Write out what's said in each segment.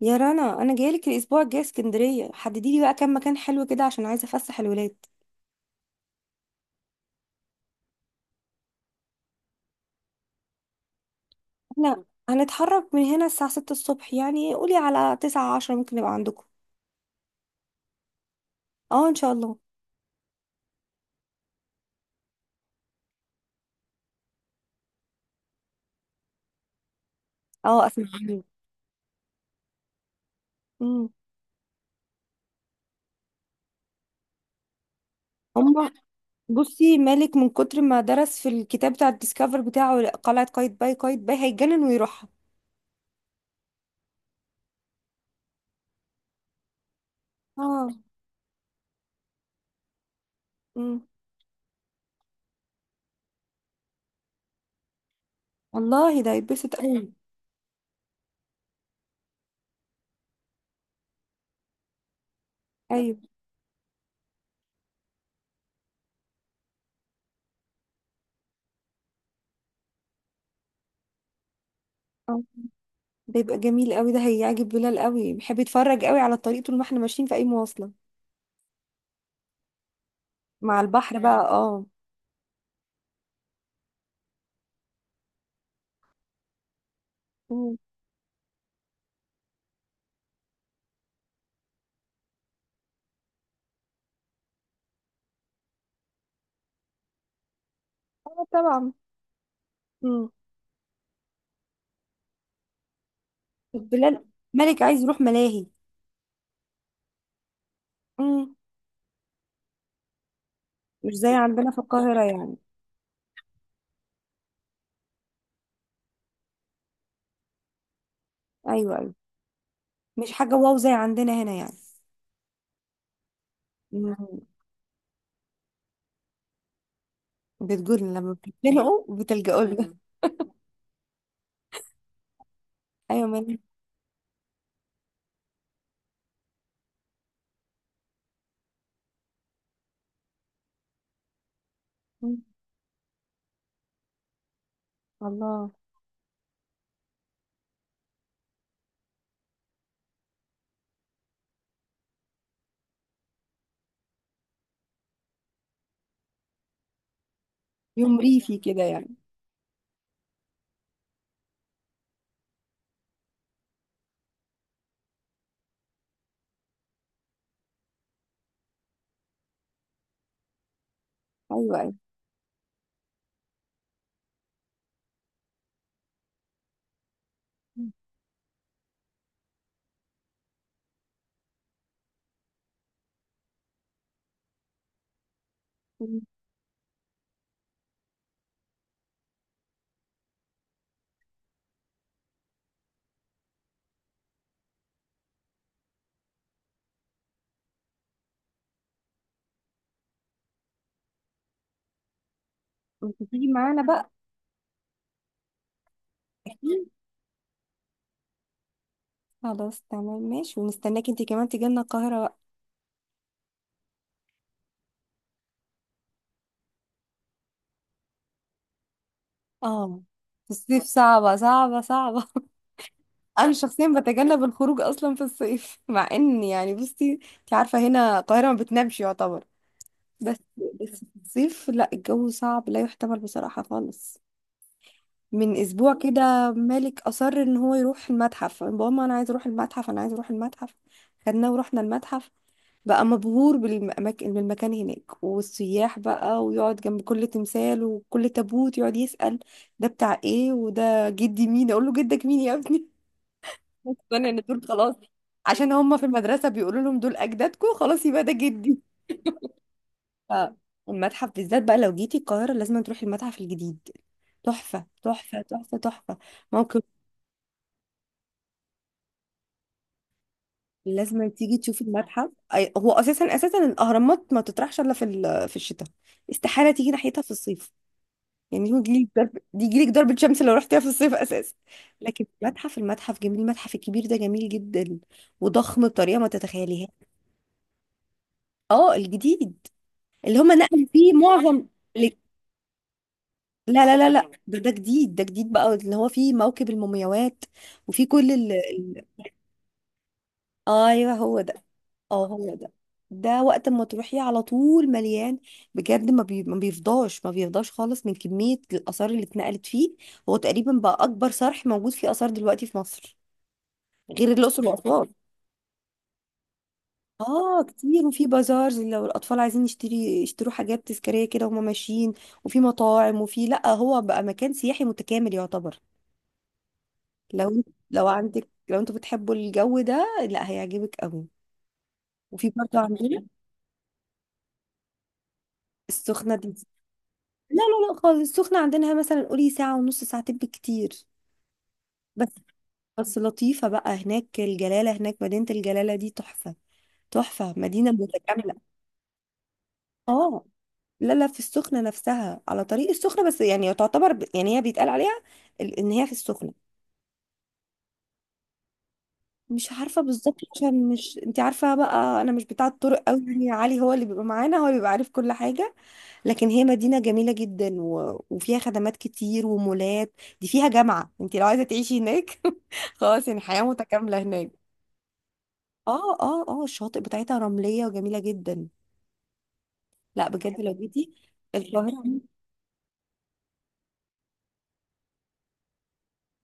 يا رنا، انا جايلك الاسبوع الجاي اسكندريه. حددي لي بقى كام مكان حلو كده عشان عايزه افسح الولاد. احنا هنتحرك من هنا الساعه 6 الصبح، يعني قولي على 9 10 ممكن نبقى عندكم. اه، ان شاء الله. اه اسمع عنه. امم هم، بصي مالك من كتر ما درس في الكتاب بتاع الديسكفر بتاعه قلعه قايتباي، قايتباي هيتجنن ويروحها. اه. امم والله ده هيتبسط قوي. ايوه. اه، ده يبقى جميل قوي، ده هيعجب بلال قوي، بيحب يتفرج قوي على الطريق طول ما احنا ماشيين في اي مواصله. مع البحر بقى، اه. مم. اه طبعا. مم. بلال، ملك عايز يروح ملاهي. مم. مش زي عندنا في القاهرة يعني. أيوة أيوة. مش حاجة واو زي عندنا هنا يعني. مم. بتقولنا لما بتتخانقوا بتلجأوا لنا. أيوة مالك. مم. الله. يوم ريفي كده يعني. أيوة أيوة. مم. مم. انت تيجي معانا بقى. أكيد. خلاص تمام ماشي، ومستناك انت كمان تيجي لنا القاهرة بقى. اه، في الصيف صعبة صعبة صعبة. انا شخصيا بتجنب الخروج اصلا في الصيف مع ان يعني بصي انت عارفه هنا القاهره ما بتنامش يعتبر. بس، بس في الصيف لا، الجو صعب لا يحتمل بصراحه خالص. من اسبوع كده مالك اصر ان هو يروح المتحف، ماما انا عايز اروح المتحف، انا عايز اروح المتحف. خدناه ورحنا المتحف، بقى مبهور بالمكان هناك والسياح بقى، ويقعد جنب كل تمثال وكل تابوت يقعد يسأل ده بتاع ايه وده جدي مين. اقول له جدك مين يا ابني؟ مقتنع ان دول خلاص، عشان هم في المدرسه بيقولوا لهم دول اجدادكم، خلاص يبقى ده جدي. ف- المتحف بالذات بقى لو جيتي القاهره لازم تروحي المتحف الجديد. تحفه تحفه تحفه تحفه. موقف. لازم تيجي تشوفي المتحف، هو اساسا اساسا الاهرامات ما تطرحش الا في في الشتاء. استحاله تيجي ناحيتها في الصيف. يعني هو يجيلك ضرب دي يجيلك ضربة شمس لو رحتيها في الصيف اساسا. لكن المتحف، المتحف جميل، المتحف الكبير ده جميل جدا وضخم بطريقه ما تتخيليها. اه الجديد، اللي هم نقلوا فيه معظم ال- لا لا لا لا، ده جديد، ده جديد بقى اللي هو فيه موكب المومياوات، وفيه كل ايوه هو ده. اه هو ده. ده وقت ما تروحي على طول مليان، بجد ما بيفضاش، ما بيفضاش خالص من كمية الآثار اللي اتنقلت فيه. هو تقريبا بقى أكبر صرح موجود فيه آثار دلوقتي في مصر، غير الأقصر وأسوان. اه كتير. وفي بازار لو الاطفال عايزين يشتروا حاجات تذكاريه كده وهم ماشيين. وفي مطاعم وفي، لا هو بقى مكان سياحي متكامل يعتبر. لو انت، لو عندك، لو انتوا بتحبوا الجو ده لا هيعجبك قوي. وفي برضه عندنا. السخنه دي لا لا لا خالص، السخنه عندنا مثلا قولي ساعه ونص، ساعتين بالكتير. بس، بس لطيفه بقى هناك الجلاله، هناك مدينه الجلاله دي تحفه، تحفه، مدينه متكامله. اه. لا لا في السخنة نفسها، على طريق السخنة، بس يعني تعتبر يعني هي بيتقال عليها ان هي في السخنة. مش عارفة بالظبط عشان، مش انت عارفة بقى، انا مش بتاع الطرق قوي، يعني علي هو اللي بيبقى معانا هو اللي بيبقى عارف كل حاجة. لكن هي مدينة جميلة جدا وفيها خدمات كتير ومولات. دي فيها جامعة، انت لو عايزة تعيشي هناك خلاص يعني حياة متكاملة هناك. اه اه اه، الشواطئ بتاعتها رملية وجميلة جدا. لا بجد لو جيتي القاهرة.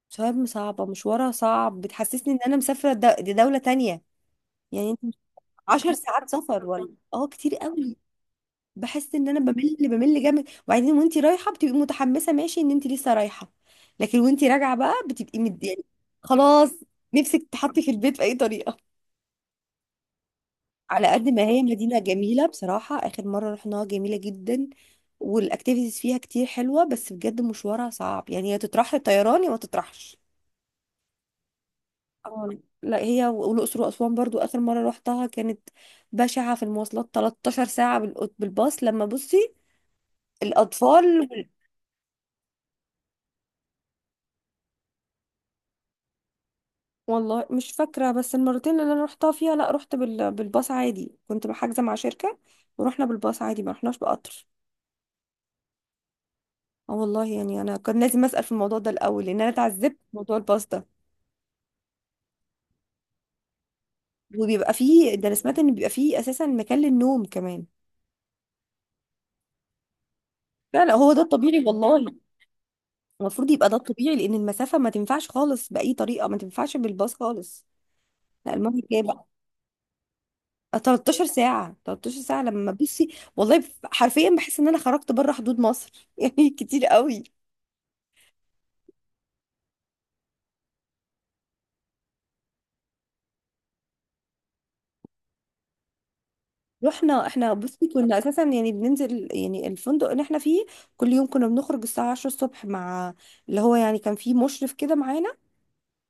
شرم صعبة، مشوارها صعب، بتحسسني ان انا مسافرة دي دولة تانية. يعني انت مش. 10 ساعات سفر ولا، اه كتير قوي. بحس ان انا بمل، بمل جامد، وبعدين وانت رايحة بتبقي متحمسة ماشي ان انت لسه رايحة، لكن وانت راجعة بقى بتبقي مد يعني. خلاص، نفسك تحطي في البيت بأي طريقة. على قد ما هي مدينة جميلة بصراحة، آخر مرة رحناها جميلة جدا والاكتيفيتيز فيها كتير حلوة، بس بجد مشوارها صعب يعني، يا تطرح الطيران يا ما تطرحش. اه. لا هي والاقصر واسوان برضو اخر مره روحتها كانت بشعه في المواصلات، 13 ساعه بالباص لما بصي الاطفال والله مش فاكره، بس المرتين اللي انا روحتها فيها لا، رحت بالباص عادي، كنت حاجزه مع شركه ورحنا بالباص عادي ما رحناش بقطر. اه والله، يعني انا كان لازم اسال في الموضوع ده الاول لان انا اتعذبت في موضوع الباص ده. وبيبقى فيه، ده انا سمعت ان بيبقى فيه اساسا مكان للنوم كمان. لا لا هو ده الطبيعي والله، المفروض يبقى ده الطبيعي لان المسافه ما تنفعش خالص، باي طريقه ما تنفعش بالباص خالص. لا المهم جاي بقى. 13 ساعه، 13 ساعه لما بصي. والله حرفيا بحس ان انا خرجت بره حدود مصر يعني كتير قوي. رحنا احنا بصي كنا اساسا يعني بننزل يعني الفندق اللي احنا فيه. كل يوم كنا بنخرج الساعه 10 الصبح مع، اللي هو يعني كان فيه مشرف كده معانا.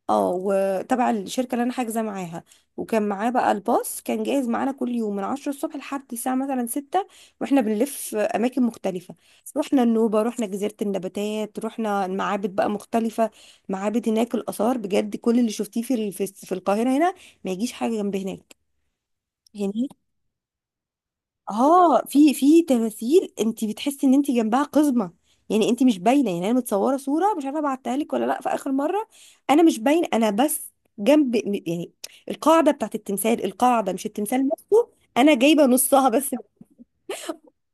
اه وتبع الشركة اللي انا حاجزة معاها. وكان معاه بقى الباص كان جاهز معانا كل يوم من 10 الصبح لحد الساعة مثلا 6. واحنا بنلف أماكن مختلفة. رحنا النوبة، رحنا جزيرة النباتات، رحنا المعابد بقى مختلفة. معابد هناك الآثار بجد، كل اللي شفتيه في في القاهرة هنا ما يجيش حاجة جنب هناك. هناك، اه في في تماثيل انت بتحسي ان انت جنبها قزمه. يعني انت مش باينه، يعني انا متصوره صوره مش عارفه ابعتها لك ولا لا في اخر مره، انا مش باينه، انا بس جنب يعني القاعده بتاعت التمثال، القاعده مش التمثال نفسه. انا جايبه نصها بس.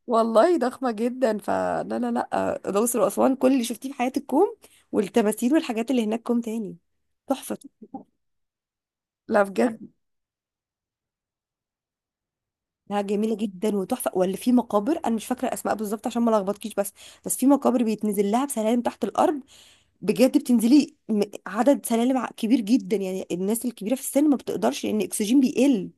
والله ضخمه جدا، فلا لا لا الاقصر واسوان كل اللي شفتيه في حياتك كوم، والتماثيل والحاجات اللي هناك كوم تاني. تحفه. لا بجد. لا جميله جدا وتحفه، ولا في مقابر، انا مش فاكره الاسماء بالظبط عشان ما لخبطكيش، بس بس في مقابر بيتنزل لها بسلالم تحت الارض. بجد بتنزلي عدد سلالم كبير جدا، يعني الناس الكبيره في السن ما بتقدرش لان الاكسجين بيقل.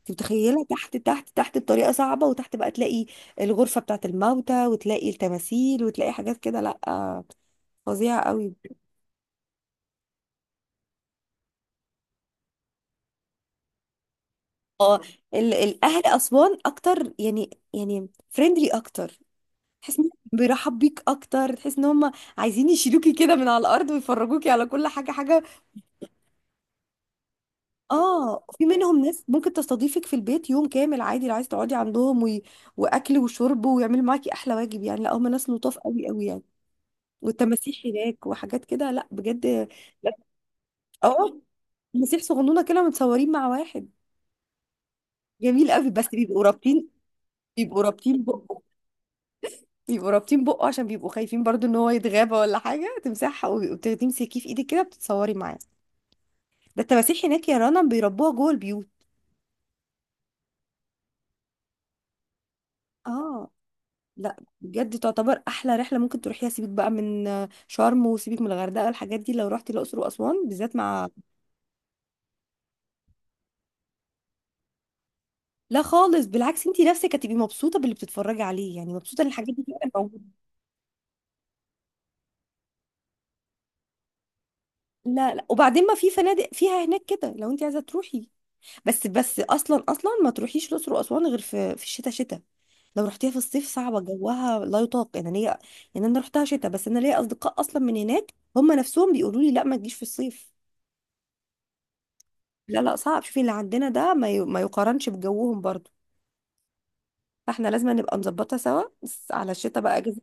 انت متخيله تحت تحت تحت بطريقه صعبه، وتحت بقى تلاقي الغرفه بتاعه الموتى وتلاقي التماثيل وتلاقي حاجات كده. لا، فظيعه قوي. اه الاهل اسوان اكتر يعني، يعني فريندلي اكتر. تحس ان بيرحب بيك اكتر، تحس ان هم عايزين يشيلوكي كده من على الارض ويفرجوكي على كل حاجه حاجه. اه في منهم ناس ممكن تستضيفك في البيت يوم كامل عادي لو عايز تقعدي عندهم واكل وشرب ويعملوا معاكي احلى واجب يعني، لا هم ناس لطاف قوي قوي يعني. والتماسيح هناك وحاجات كده لا بجد. لا. اه. تماسيح صغنونه كده متصورين مع واحد. جميل قوي، بس بيبقوا رابطين. بيبقوا رابطين بقه. بيبقوا رابطين بقه عشان بيبقوا خايفين برضو ان هو يتغابى ولا حاجه تمسحها، وبتاخديه مسكيه في ايدك كده بتتصوري معاه. ده التماسيح هناك يا رنا بيربوها جوه البيوت. اه. لا بجد تعتبر احلى رحله ممكن تروحيها. سيبك بقى من شرم، وسيبك من الغردقه، الحاجات دي، لو رحتي الاقصر واسوان بالذات مع. لا خالص بالعكس، انت نفسك هتبقي مبسوطه باللي بتتفرجي عليه، يعني مبسوطه ان الحاجات دي تبقى موجوده. لا لا، وبعدين ما في فنادق فيها هناك كده لو انت عايزه تروحي. بس بس اصلا اصلا ما تروحيش الاقصر واسوان غير في الشتاء، شتاء. لو رحتيها في الصيف صعبة، جوها لا يطاق يعني. أنا ليا، يعني أنا رحتها شتاء بس أنا ليا أصدقاء أصلا من هناك هم نفسهم بيقولوا لي لا ما تجيش في الصيف. لا لا صعب، شوفي اللي عندنا ده ما يقارنش بجوهم برضو. فاحنا لازم نبقى نظبطها سوا بس على الشتاء بقى اجازة.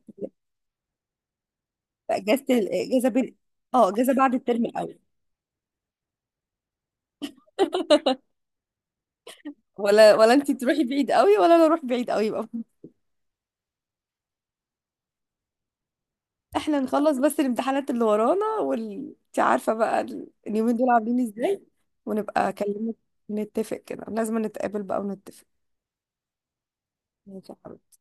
بقى اجازة اجازة بين، اه اجازة بعد الترم الاول. ولا ولا انت تروحي بعيد قوي ولا انا اروح بعيد قوي يبقى. احنا نخلص بس الامتحانات اللي ورانا، وال انت عارفة بقى اليومين دول عاملين ازاي، ونبقى اكلمك. نتفق كده لازم نتقابل بقى ونتفق. ماشي يا حبيبي.